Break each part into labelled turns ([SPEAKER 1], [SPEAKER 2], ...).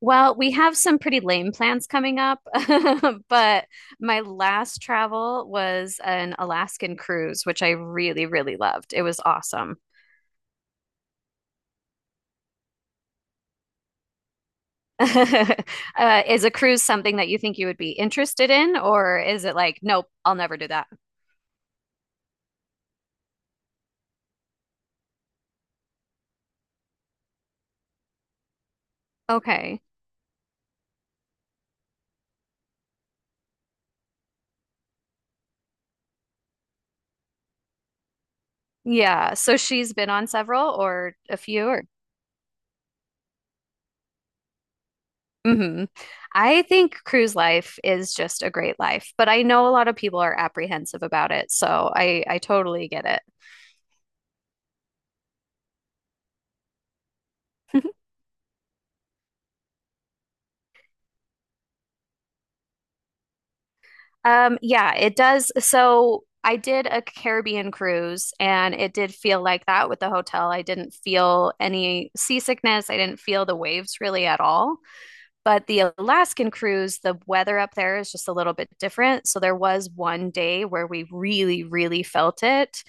[SPEAKER 1] Well, we have some pretty lame plans coming up, but my last travel was an Alaskan cruise, which I really, really loved. It was awesome. Is a cruise something that you think you would be interested in, or is it like, nope, I'll never do that? Okay. Yeah. So she's been on several or a few or hmm. I think cruise life is just a great life, but I know a lot of people are apprehensive about it, so I totally get it. Yeah, it does. So I did a Caribbean cruise and it did feel like that with the hotel. I didn't feel any seasickness. I didn't feel the waves really at all. But the Alaskan cruise, the weather up there is just a little bit different. So there was 1 day where we really, really felt it.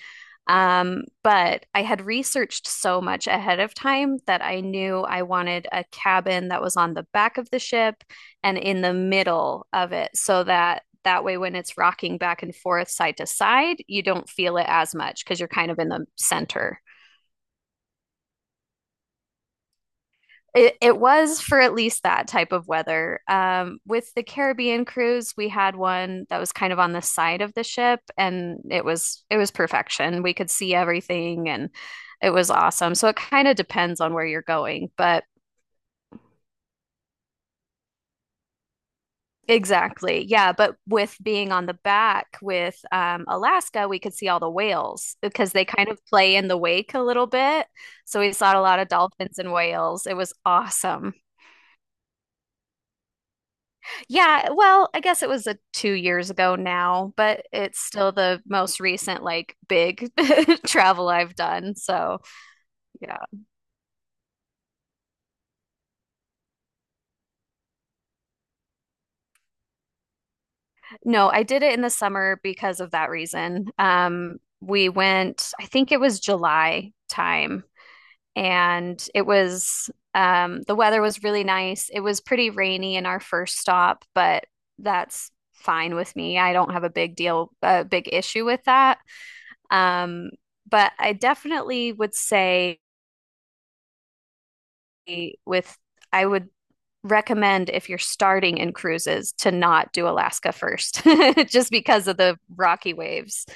[SPEAKER 1] But I had researched so much ahead of time that I knew I wanted a cabin that was on the back of the ship and in the middle of it so that way when it's rocking back and forth side to side, you don't feel it as much because you're kind of in the center. It was for at least that type of weather. With the Caribbean cruise, we had one that was kind of on the side of the ship, and it was perfection. We could see everything, and it was awesome. So it kind of depends on where you're going, but exactly, yeah. But with being on the back with Alaska, we could see all the whales because they kind of play in the wake a little bit. So we saw a lot of dolphins and whales. It was awesome. Yeah, well, I guess it was a 2 years ago now, but it's still the most recent like big travel I've done. So, yeah. No, I did it in the summer because of that reason. We went, I think it was July time, and it was the weather was really nice. It was pretty rainy in our first stop, but that's fine with me. I don't have a big deal, a big issue with that. Um, but I definitely would say with I would recommend if you're starting in cruises to not do Alaska first, just because of the rocky waves.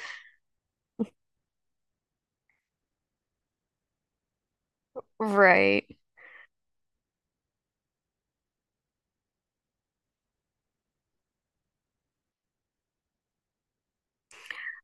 [SPEAKER 1] Right.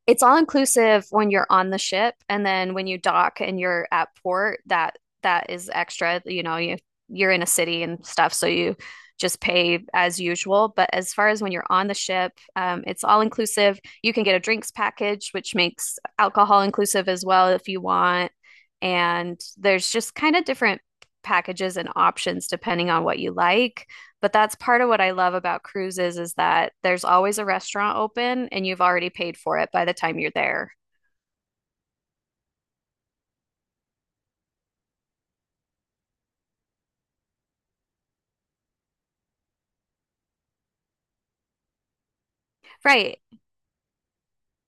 [SPEAKER 1] It's all inclusive when you're on the ship, and then when you dock and you're at port, that is extra. You know, you you're in a city and stuff, so you just pay as usual. But as far as when you're on the ship, it's all inclusive. You can get a drinks package, which makes alcohol inclusive as well if you want. And there's just kind of different packages and options depending on what you like. But that's part of what I love about cruises is that there's always a restaurant open and you've already paid for it by the time you're there. Right,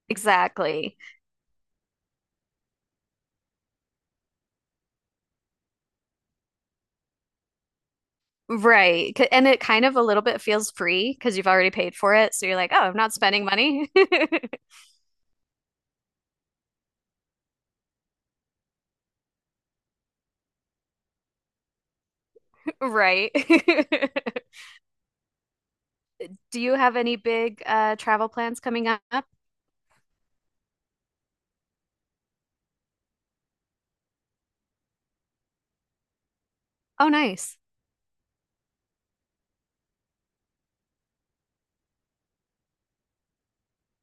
[SPEAKER 1] exactly. Right. C- And it kind of a little bit feels free because you've already paid for it. So you're like, oh, I'm not spending money. Right. Do you have any big travel plans coming up? Oh, nice.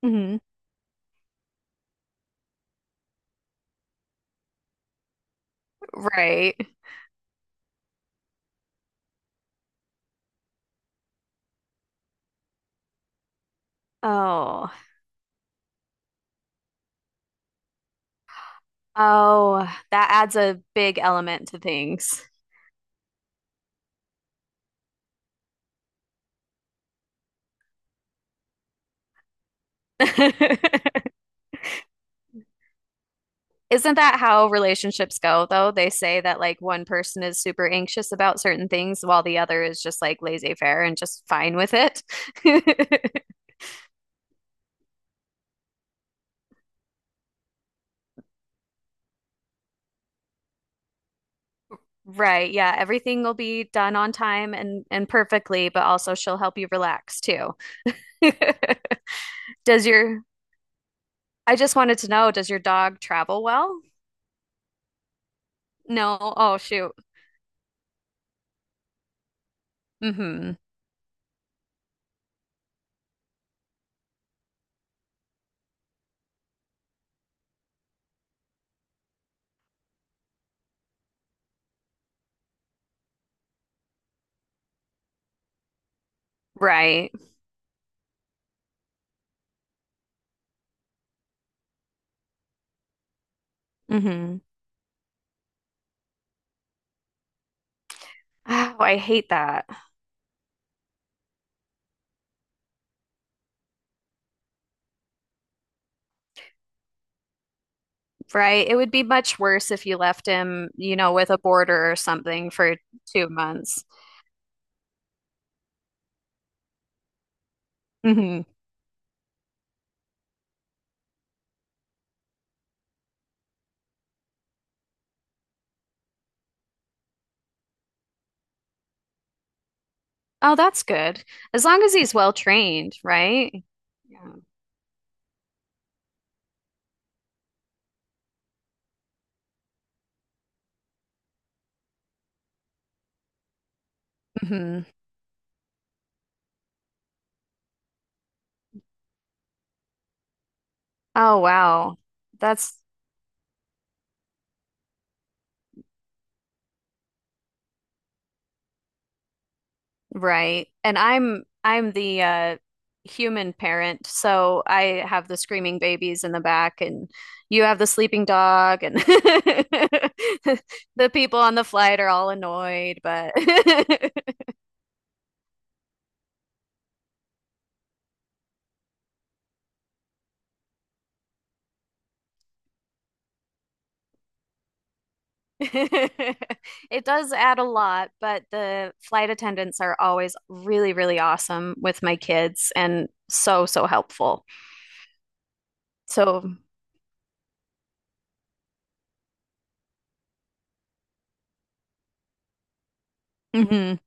[SPEAKER 1] Hmm. Right. Oh. Oh, that adds a big element to things. Isn't that how relationships go, though? They say that like one person is super anxious about certain things while the other is just like laissez-faire and just fine with it. Right, yeah, everything will be done on time and perfectly, but also she'll help you relax too. Does your I just wanted to know, does your dog travel well? No. Oh, shoot. Mm-hmm. Right. Mm-hmm. Oh, I hate that. Right. It would be much worse if you left him, you know, with a border or something for 2 months. Hmm. Oh, that's good. As long as he's well trained, right? Yeah. Hmm. Oh, wow. That's right. And I'm the human parent, so I have the screaming babies in the back and you have the sleeping dog and the people on the flight are all annoyed, but it does add a lot, but the flight attendants are always really, really awesome with my kids and so, so helpful. So, mhm.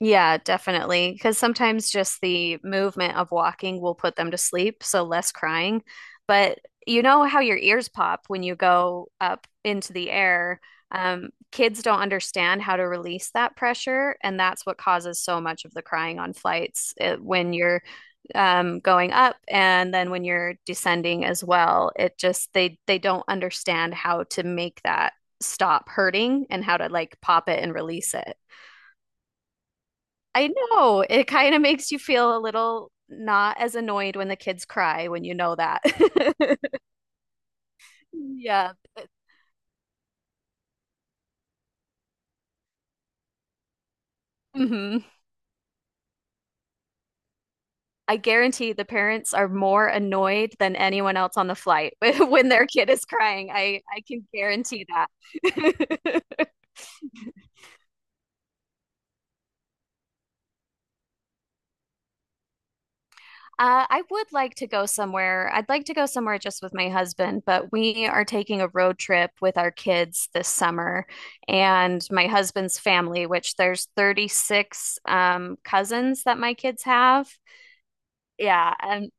[SPEAKER 1] Yeah, definitely. Because sometimes just the movement of walking will put them to sleep, so less crying. But you know how your ears pop when you go up into the air. Kids don't understand how to release that pressure, and that's what causes so much of the crying on flights when you're going up and then when you're descending as well. It just they don't understand how to make that stop hurting and how to like pop it and release it. I know. It kind of makes you feel a little not as annoyed when the kids cry when you know that. Yeah. Hmm. I guarantee the parents are more annoyed than anyone else on the flight when their kid is crying. I can guarantee that. I would like to go somewhere. I'd like to go somewhere just with my husband, but we are taking a road trip with our kids this summer and my husband's family, which there's 36 cousins that my kids have. Yeah, and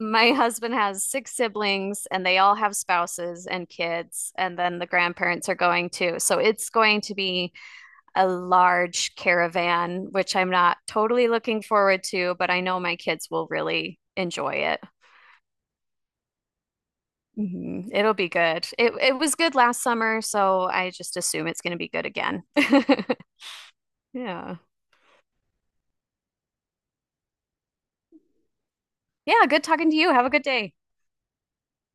[SPEAKER 1] my husband has six siblings and they all have spouses and kids, and then the grandparents are going too. So it's going to be a large caravan, which I'm not totally looking forward to, but I know my kids will really enjoy it. Mhm. It'll be good. It was good last summer, so I just assume it's going to be good again. Yeah. Yeah, good talking to you. Have a good day.